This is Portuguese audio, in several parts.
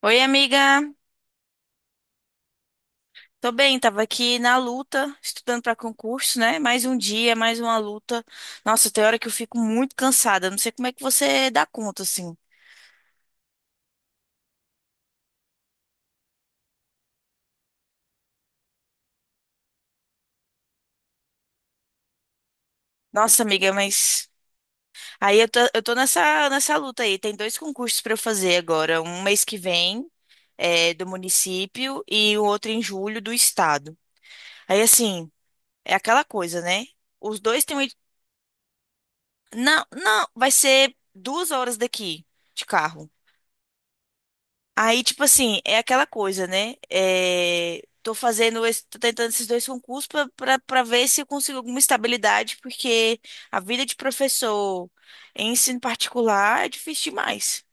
Oi, amiga. Tô bem, tava aqui na luta, estudando pra concurso, né? Mais um dia, mais uma luta. Nossa, tem hora que eu fico muito cansada. Não sei como é que você dá conta, assim. Nossa, amiga, mas. Aí eu tô nessa luta aí. Tem dois concursos pra eu fazer agora. Um mês que vem, é, do município, e o outro em julho, do estado. Aí, assim, é aquela coisa, né? Os dois têm. Não, não, vai ser 2 horas daqui de carro. Aí, tipo assim, é aquela coisa, né? É, tô tentando esses dois concursos pra ver se eu consigo alguma estabilidade, porque a vida de professor em ensino particular é difícil demais.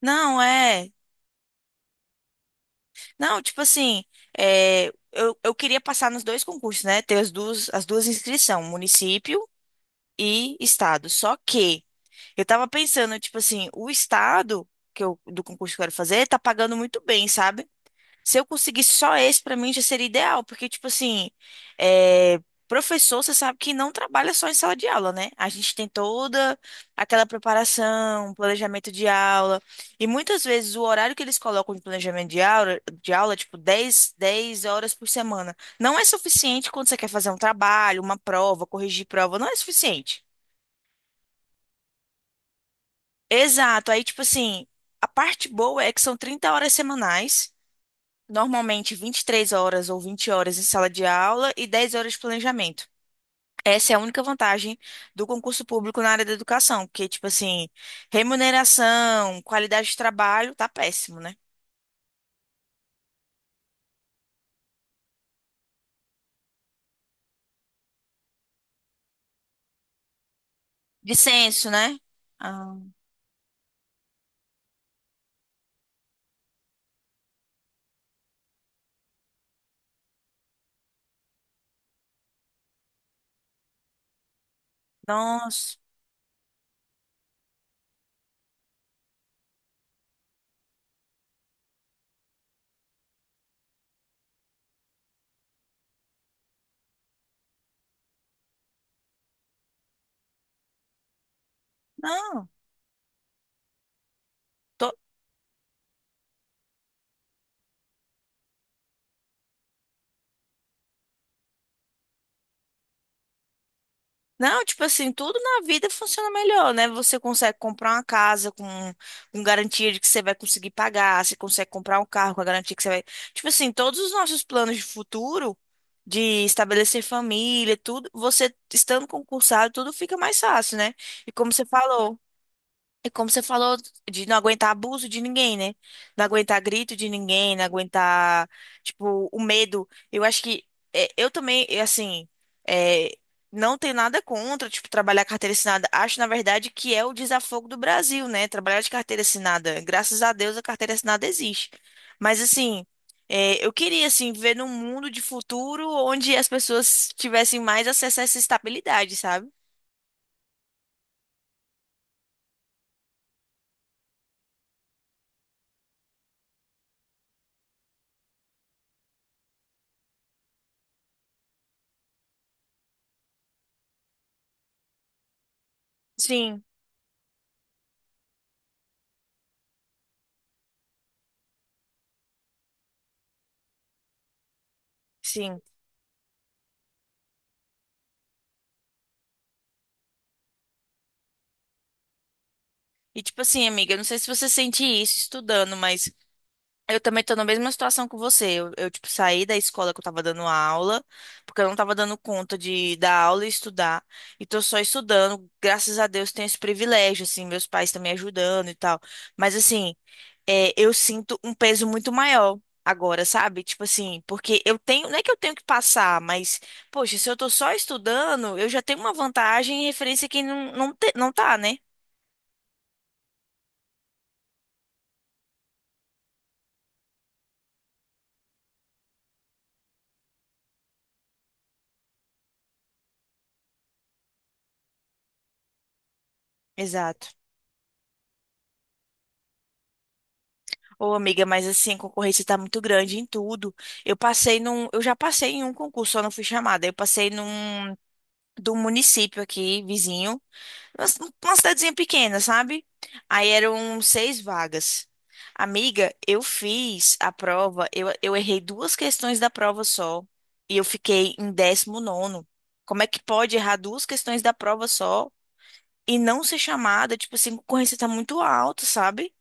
Não, é. Não, tipo assim, eu queria passar nos dois concursos, né? Ter as duas inscrições, município e estado. Só que eu tava pensando, tipo assim, o estado do concurso que eu quero fazer tá pagando muito bem, sabe? Se eu conseguir só esse, pra mim já seria ideal, porque, tipo assim, é, professor, você sabe que não trabalha só em sala de aula, né? A gente tem toda aquela preparação, planejamento de aula, e muitas vezes o horário que eles colocam de planejamento de aula, tipo dez horas por semana, não é suficiente quando você quer fazer um trabalho, uma prova, corrigir prova, não é suficiente. Exato, aí, tipo assim, a parte boa é que são 30 horas semanais. Normalmente 23 horas ou 20 horas em sala de aula e 10 horas de planejamento. Essa é a única vantagem do concurso público na área da educação, porque, tipo assim, remuneração, qualidade de trabalho, tá péssimo, né? Dissenso, né? Ah, nossa, não. Não, tipo assim, tudo na vida funciona melhor, né? Você consegue comprar uma casa com garantia de que você vai conseguir pagar, você consegue comprar um carro com a garantia que você vai. Tipo assim, todos os nossos planos de futuro, de estabelecer família, tudo, você estando concursado, tudo fica mais fácil, né? E como você falou. É como você falou, de não aguentar abuso de ninguém, né? Não aguentar grito de ninguém, não aguentar, tipo, o medo. Eu acho que eu também, assim, é, não tenho nada contra, tipo, trabalhar carteira assinada. Acho, na verdade, que é o desafogo do Brasil, né? Trabalhar de carteira assinada. Graças a Deus a carteira assinada existe. Mas, assim, eu queria, assim, viver num mundo de futuro onde as pessoas tivessem mais acesso a essa estabilidade, sabe? Sim, sim. E tipo assim, amiga, eu não sei se você sente isso estudando, mas eu também tô na mesma situação que você. Tipo, saí da escola que eu tava dando aula, porque eu não tava dando conta de dar aula e estudar. E tô só estudando. Graças a Deus tenho esse privilégio, assim, meus pais estão me ajudando e tal. Mas assim, eu sinto um peso muito maior. Agora, sabe? Tipo assim, porque eu tenho, não é que eu tenho que passar, mas, poxa, se eu tô só estudando, eu já tenho uma vantagem em referência a quem não tá, né? Exato. Ô, amiga, mas assim, a concorrência tá muito grande em tudo. Eu já passei em um concurso, só não fui chamada. Eu passei num do município aqui, vizinho, uma c- uma cidadezinha pequena, sabe? Aí eram seis vagas. Amiga, eu fiz a prova, eu errei duas questões da prova só, e eu fiquei em 19º. Como é que pode errar duas questões da prova só e não ser chamada? Tipo assim, a concorrência tá muito alta, sabe?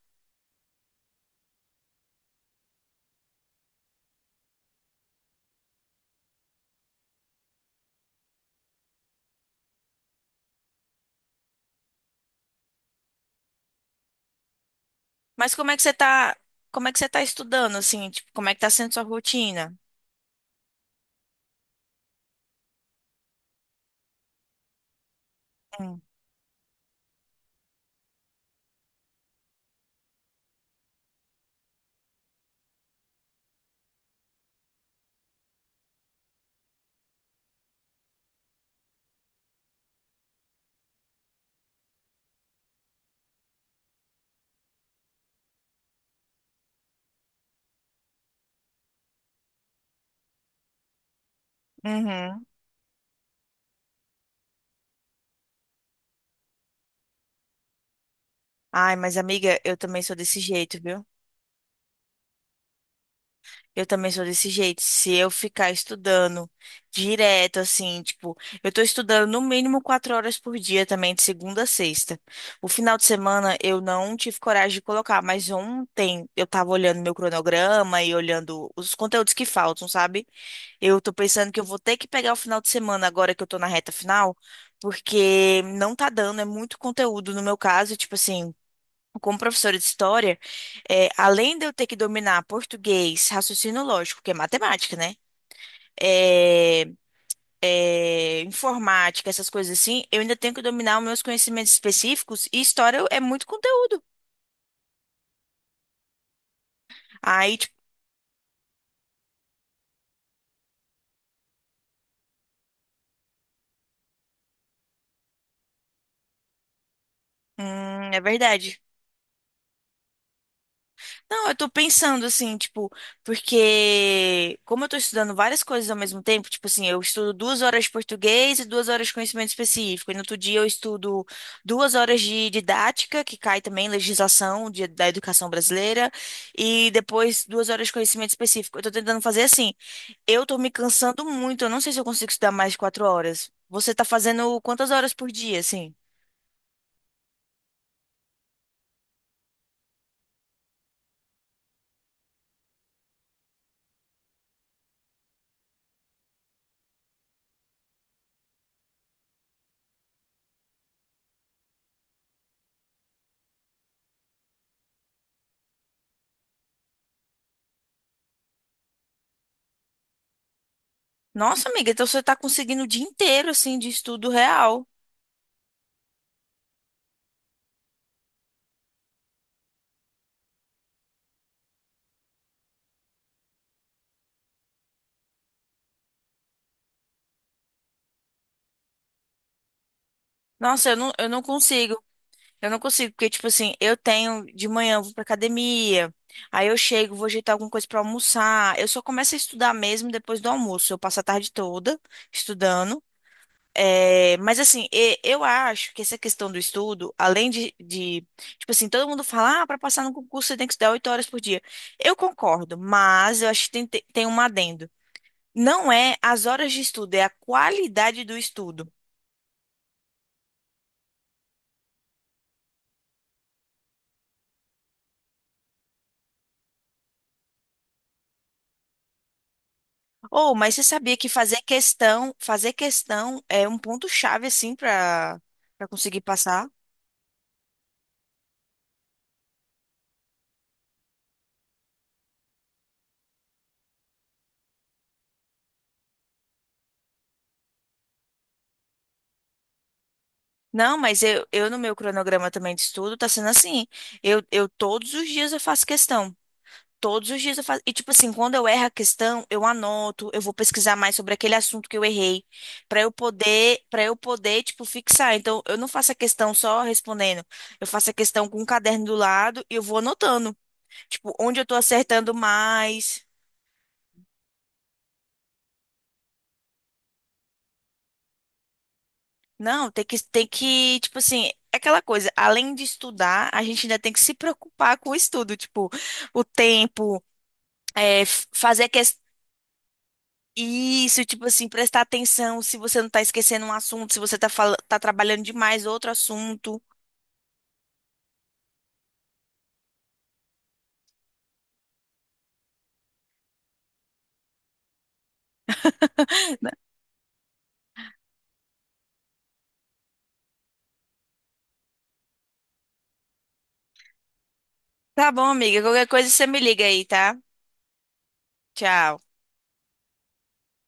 Mas como é que você tá estudando, assim? Tipo, como é que tá sendo sua rotina? Hum. Uhum. Ai, mas amiga, eu também sou desse jeito, viu? Eu também sou desse jeito. Se eu ficar estudando direto, assim, tipo, eu tô estudando no mínimo 4 horas por dia também, de segunda a sexta. O final de semana eu não tive coragem de colocar, mas ontem eu tava olhando meu cronograma e olhando os conteúdos que faltam, sabe? Eu tô pensando que eu vou ter que pegar o final de semana agora que eu tô na reta final, porque não tá dando, é muito conteúdo no meu caso, tipo assim, como professora de história, além de eu ter que dominar português, raciocínio lógico, que é matemática, né? É, informática, essas coisas assim, eu ainda tenho que dominar os meus conhecimentos específicos e história é muito conteúdo. Aí, tipo, é verdade. Não, eu tô pensando assim, tipo, porque como eu tô estudando várias coisas ao mesmo tempo, tipo assim, eu estudo 2 horas de português e 2 horas de conhecimento específico. E no outro dia eu estudo 2 horas de didática, que cai também legislação da educação brasileira, e depois 2 horas de conhecimento específico. Eu tô tentando fazer assim. Eu tô me cansando muito, eu não sei se eu consigo estudar mais de 4 horas. Você tá fazendo quantas horas por dia, assim? Nossa, amiga, então você tá conseguindo o dia inteiro, assim, de estudo real. Nossa, eu não consigo. Eu não consigo, porque, tipo assim, eu tenho de manhã, eu vou pra academia, aí eu chego, vou ajeitar alguma coisa pra almoçar. Eu só começo a estudar mesmo depois do almoço. Eu passo a tarde toda estudando. É, mas assim, eu acho que essa questão do estudo, além de, tipo assim, todo mundo fala, ah, para passar no concurso você tem que estudar 8 horas por dia. Eu concordo, mas eu acho que tem um adendo. Não é as horas de estudo, é a qualidade do estudo. Ou, mas você sabia que fazer questão é um ponto-chave, assim, para conseguir passar? Não, mas eu no meu cronograma também de estudo tá sendo assim. Eu todos os dias eu faço questão. Todos os dias eu faço. E tipo assim, quando eu erro a questão, eu anoto, eu vou pesquisar mais sobre aquele assunto que eu errei, para eu poder, tipo, fixar. Então, eu não faço a questão só respondendo. Eu faço a questão com um caderno do lado e eu vou anotando, tipo, onde eu tô acertando mais. Não, tem que, tipo assim, é aquela coisa, além de estudar, a gente ainda tem que se preocupar com o estudo, tipo, o tempo, fazer que isso, tipo assim, prestar atenção se você não tá esquecendo um assunto, se você tá, tá trabalhando demais outro assunto. Tá bom, amiga, qualquer coisa você me liga aí, tá? Tchau.